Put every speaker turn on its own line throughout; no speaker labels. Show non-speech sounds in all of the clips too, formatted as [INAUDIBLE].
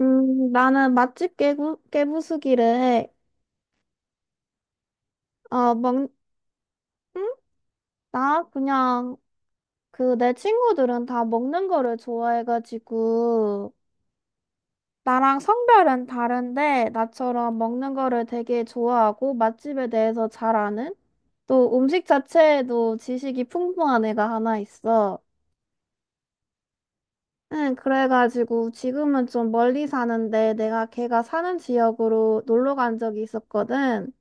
나는 맛집 깨부수기를 해. 어, 먹, 응? 나 그냥, 그, 내 친구들은 다 먹는 거를 좋아해가지고, 나랑 성별은 다른데, 나처럼 먹는 거를 되게 좋아하고, 맛집에 대해서 잘 아는, 또 음식 자체에도 지식이 풍부한 애가 하나 있어. 응, 그래가지고, 지금은 좀 멀리 사는데, 내가 걔가 사는 지역으로 놀러 간 적이 있었거든.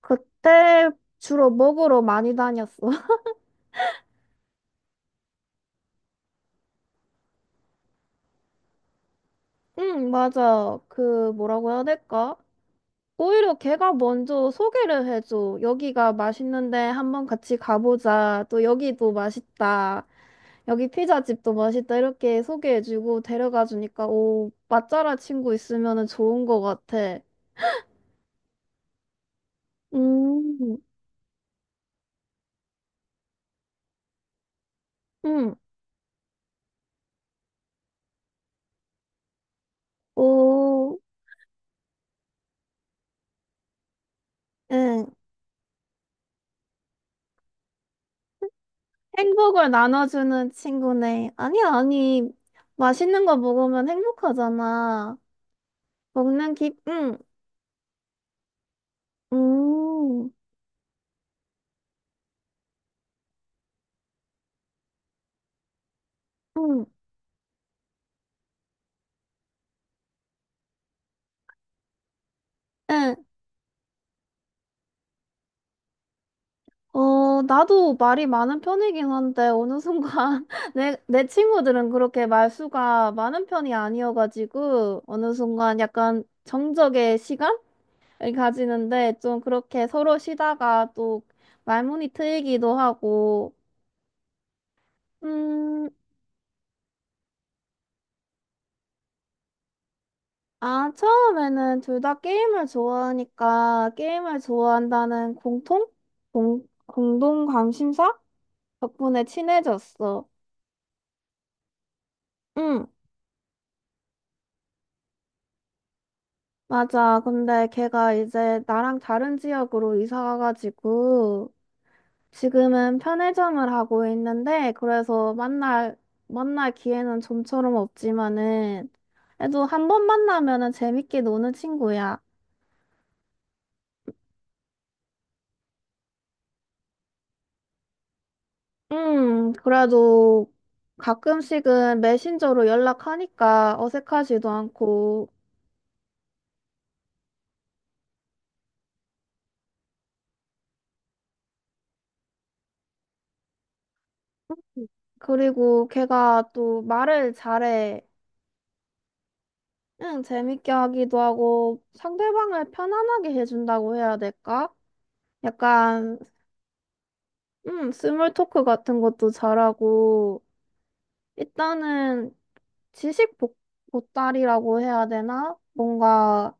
그때 주로 먹으러 많이 다녔어. 응, 맞아. 그, 뭐라고 해야 될까? 오히려 걔가 먼저 소개를 해줘. 여기가 맛있는데 한번 같이 가보자. 또 여기도 맛있다. 여기 피자집도 맛있다. 이렇게 소개해주고 데려가 주니까, 오, 맛잘알 친구 있으면 좋은 것 같아. 음. 응. 오. 응. 행복을 나눠주는 친구네. 아니, 아니. 맛있는 거 먹으면 행복하잖아. 응, 음, 응. 응, 어, 나도 말이 많은 편이긴 한데, 어느 순간, [LAUGHS] 내 친구들은 그렇게 말수가 많은 편이 아니어가지고, 어느 순간 약간 정적의 시간을 가지는데, 좀 그렇게 서로 쉬다가 또 말문이 트이기도 하고, 음, 아, 처음에는 둘 다 게임을 좋아하니까, 게임을 좋아한다는 공통? 공동 관심사? 덕분에 친해졌어. 응. 맞아. 근데 걔가 이제 나랑 다른 지역으로 이사 가가지고 지금은 편의점을 하고 있는데 그래서 만날 기회는 좀처럼 없지만은 그래도 한 번 만나면은 재밌게 노는 친구야. 그래도 가끔씩은 메신저로 연락하니까 어색하지도 않고 그리고 걔가 또 말을 잘해. 응, 재밌게 하기도 하고 상대방을 편안하게 해준다고 해야 될까? 약간 스몰 토크 같은 것도 잘하고 일단은 지식 보따리라고 해야 되나? 뭔가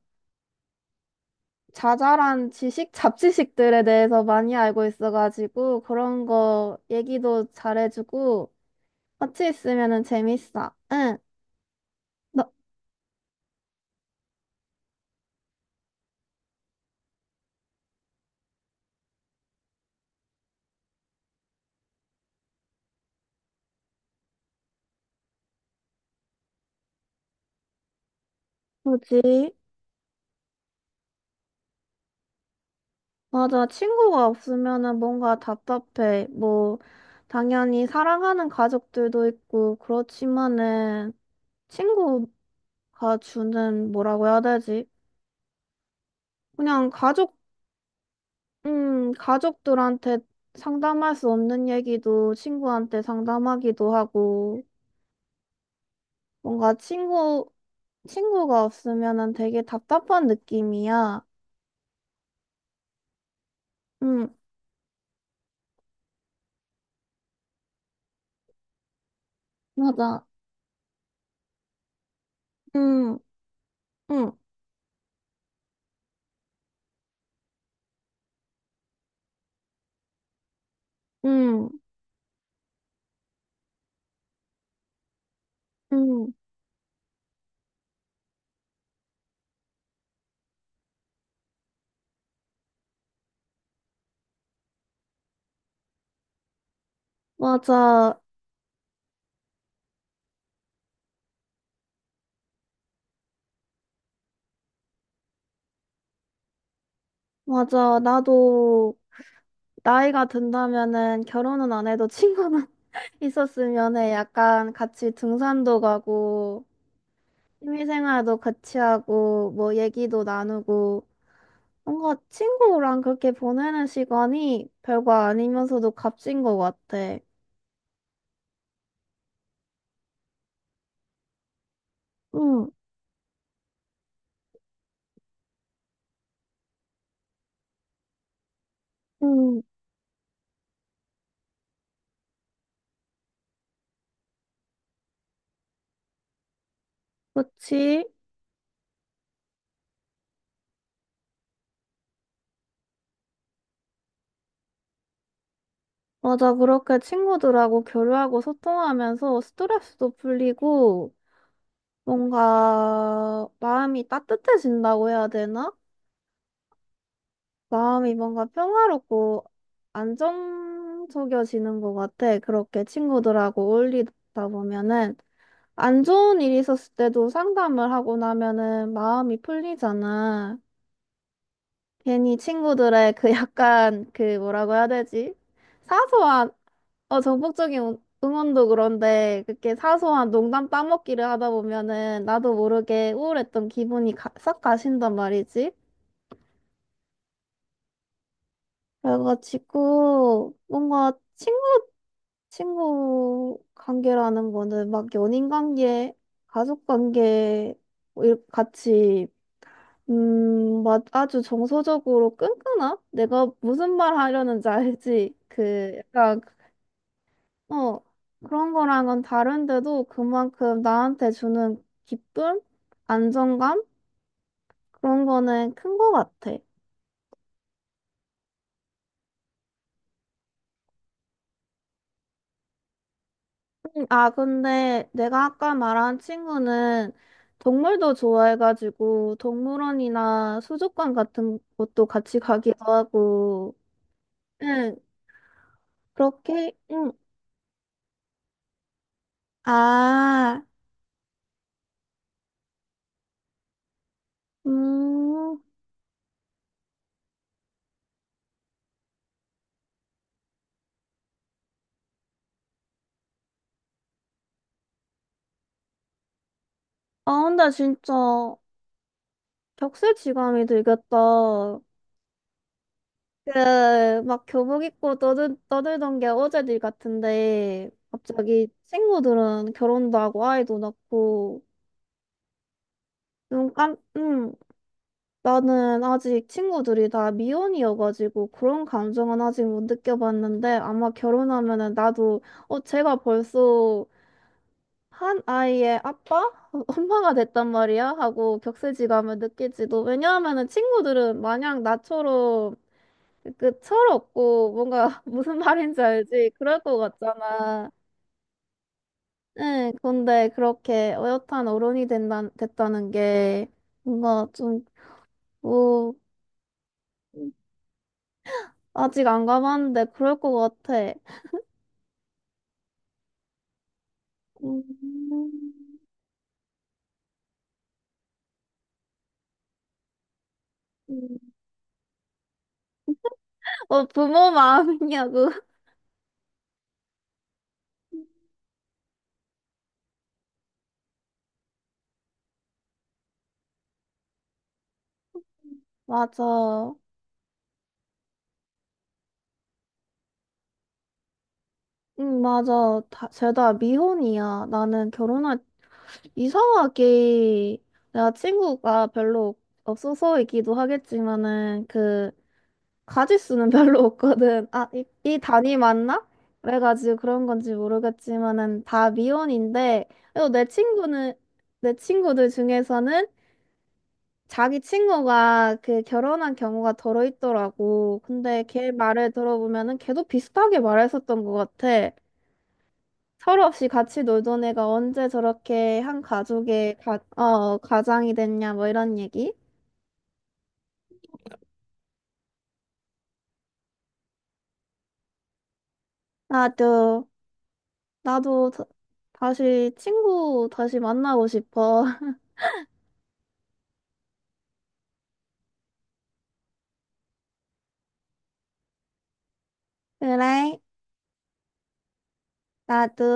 자잘한 지식, [LAUGHS] 잡지식들에 대해서 많이 알고 있어가지고 그런 거 얘기도 잘해주고 같이 있으면은 재밌어. 응, 너 뭐지? 맞아. 친구가 없으면은 뭔가 답답해. 뭐, 당연히 사랑하는 가족들도 있고, 그렇지만은, 친구가 주는 뭐라고 해야 되지? 그냥 가족들한테 상담할 수 없는 얘기도 친구한테 상담하기도 하고, 뭔가 친구가 없으면은 되게 답답한 느낌이야. 응, 맞아. 응, 응, 응, 응, 맞아. 맞아. 나도 나이가 든다면은 결혼은 안 해도 친구는 [LAUGHS] 있었으면 해. 약간 같이 등산도 가고, 취미생활도 같이 하고, 뭐 얘기도 나누고, 뭔가 친구랑 그렇게 보내는 시간이 별거 아니면서도 값진 것 같아. 응, 응, 그치? 맞아, 그렇게 친구들하고 교류하고 소통하면서 스트레스도 풀리고, 뭔가 마음이 따뜻해진다고 해야 되나? 마음이 뭔가 평화롭고 안정적이어지는 것 같아. 그렇게 친구들하고 어울리다 보면은 안 좋은 일이 있었을 때도 상담을 하고 나면은 마음이 풀리잖아. 괜히 친구들의 그 [LAUGHS] 약간 그 뭐라고 해야 되지? 사소한, 정복적인 응원도 그런데 그렇게 사소한 농담 따먹기를 하다 보면은 나도 모르게 우울했던 기분이 싹 가신단 말이지. 그래가지고 뭔가 친구 관계라는 거는 막 연인 관계, 가족 관계 뭐 이렇게 같이 막 아주 정서적으로 끈끈함? 내가 무슨 말 하려는지 알지? 그 약간 어 그런 거랑은 다른데도 그만큼 나한테 주는 기쁨, 안정감 그런 거는 큰 거 같아. 아, 근데 내가 아까 말한 친구는 동물도 좋아해가지고 동물원이나 수족관 같은 곳도 같이 가기도 하고, 응, 그렇게, 응. 아, 음, 아, 근데 진짜 격세지감이 들겠다. 그, 막 교복 입고 떠들던 게 어제들 같은데, 갑자기 친구들은 결혼도 하고 아이도 낳고, 응. 나는 아직 친구들이 다 미혼이어가지고 그런 감정은 아직 못 느껴봤는데 아마 결혼하면은 나도 제가 벌써 한 아이의 아빠? [LAUGHS] 엄마가 됐단 말이야? 하고 격세지감을 느낄지도 왜냐하면은 친구들은 마냥 나처럼 그 철없고 뭔가 [LAUGHS] 무슨 말인지 알지? 그럴 것 같잖아. 응, 근데 그렇게 어엿한 어른이 된다, 됐다는 게 뭔가 좀 뭐. 아직 안 가봤는데 그럴 것 같아. 음. 음. 어, 부모 마음이냐고. [LAUGHS] 맞아. 응, 맞아. 다, 쟤다 미혼이야. 이상하게, 내가 친구가 별로 없어서이기도 하겠지만은, 그, 가짓수는 [LAUGHS] 별로 없거든. 아, 이 단위 맞나? 그래가지고 그런 건지 모르겠지만은, 다 미혼인데, 그래도 내 친구들 중에서는 자기 친구가 그 결혼한 경우가 더러 있더라고. 근데 걔 말을 들어보면은 걔도 비슷하게 말했었던 것 같아. 서로 없이 같이 놀던 애가 언제 저렇게 한 가족의 가장이 됐냐, 뭐 이런 얘기? 나도, 나도 다시 만나고 싶어. [LAUGHS] 그래, 나도.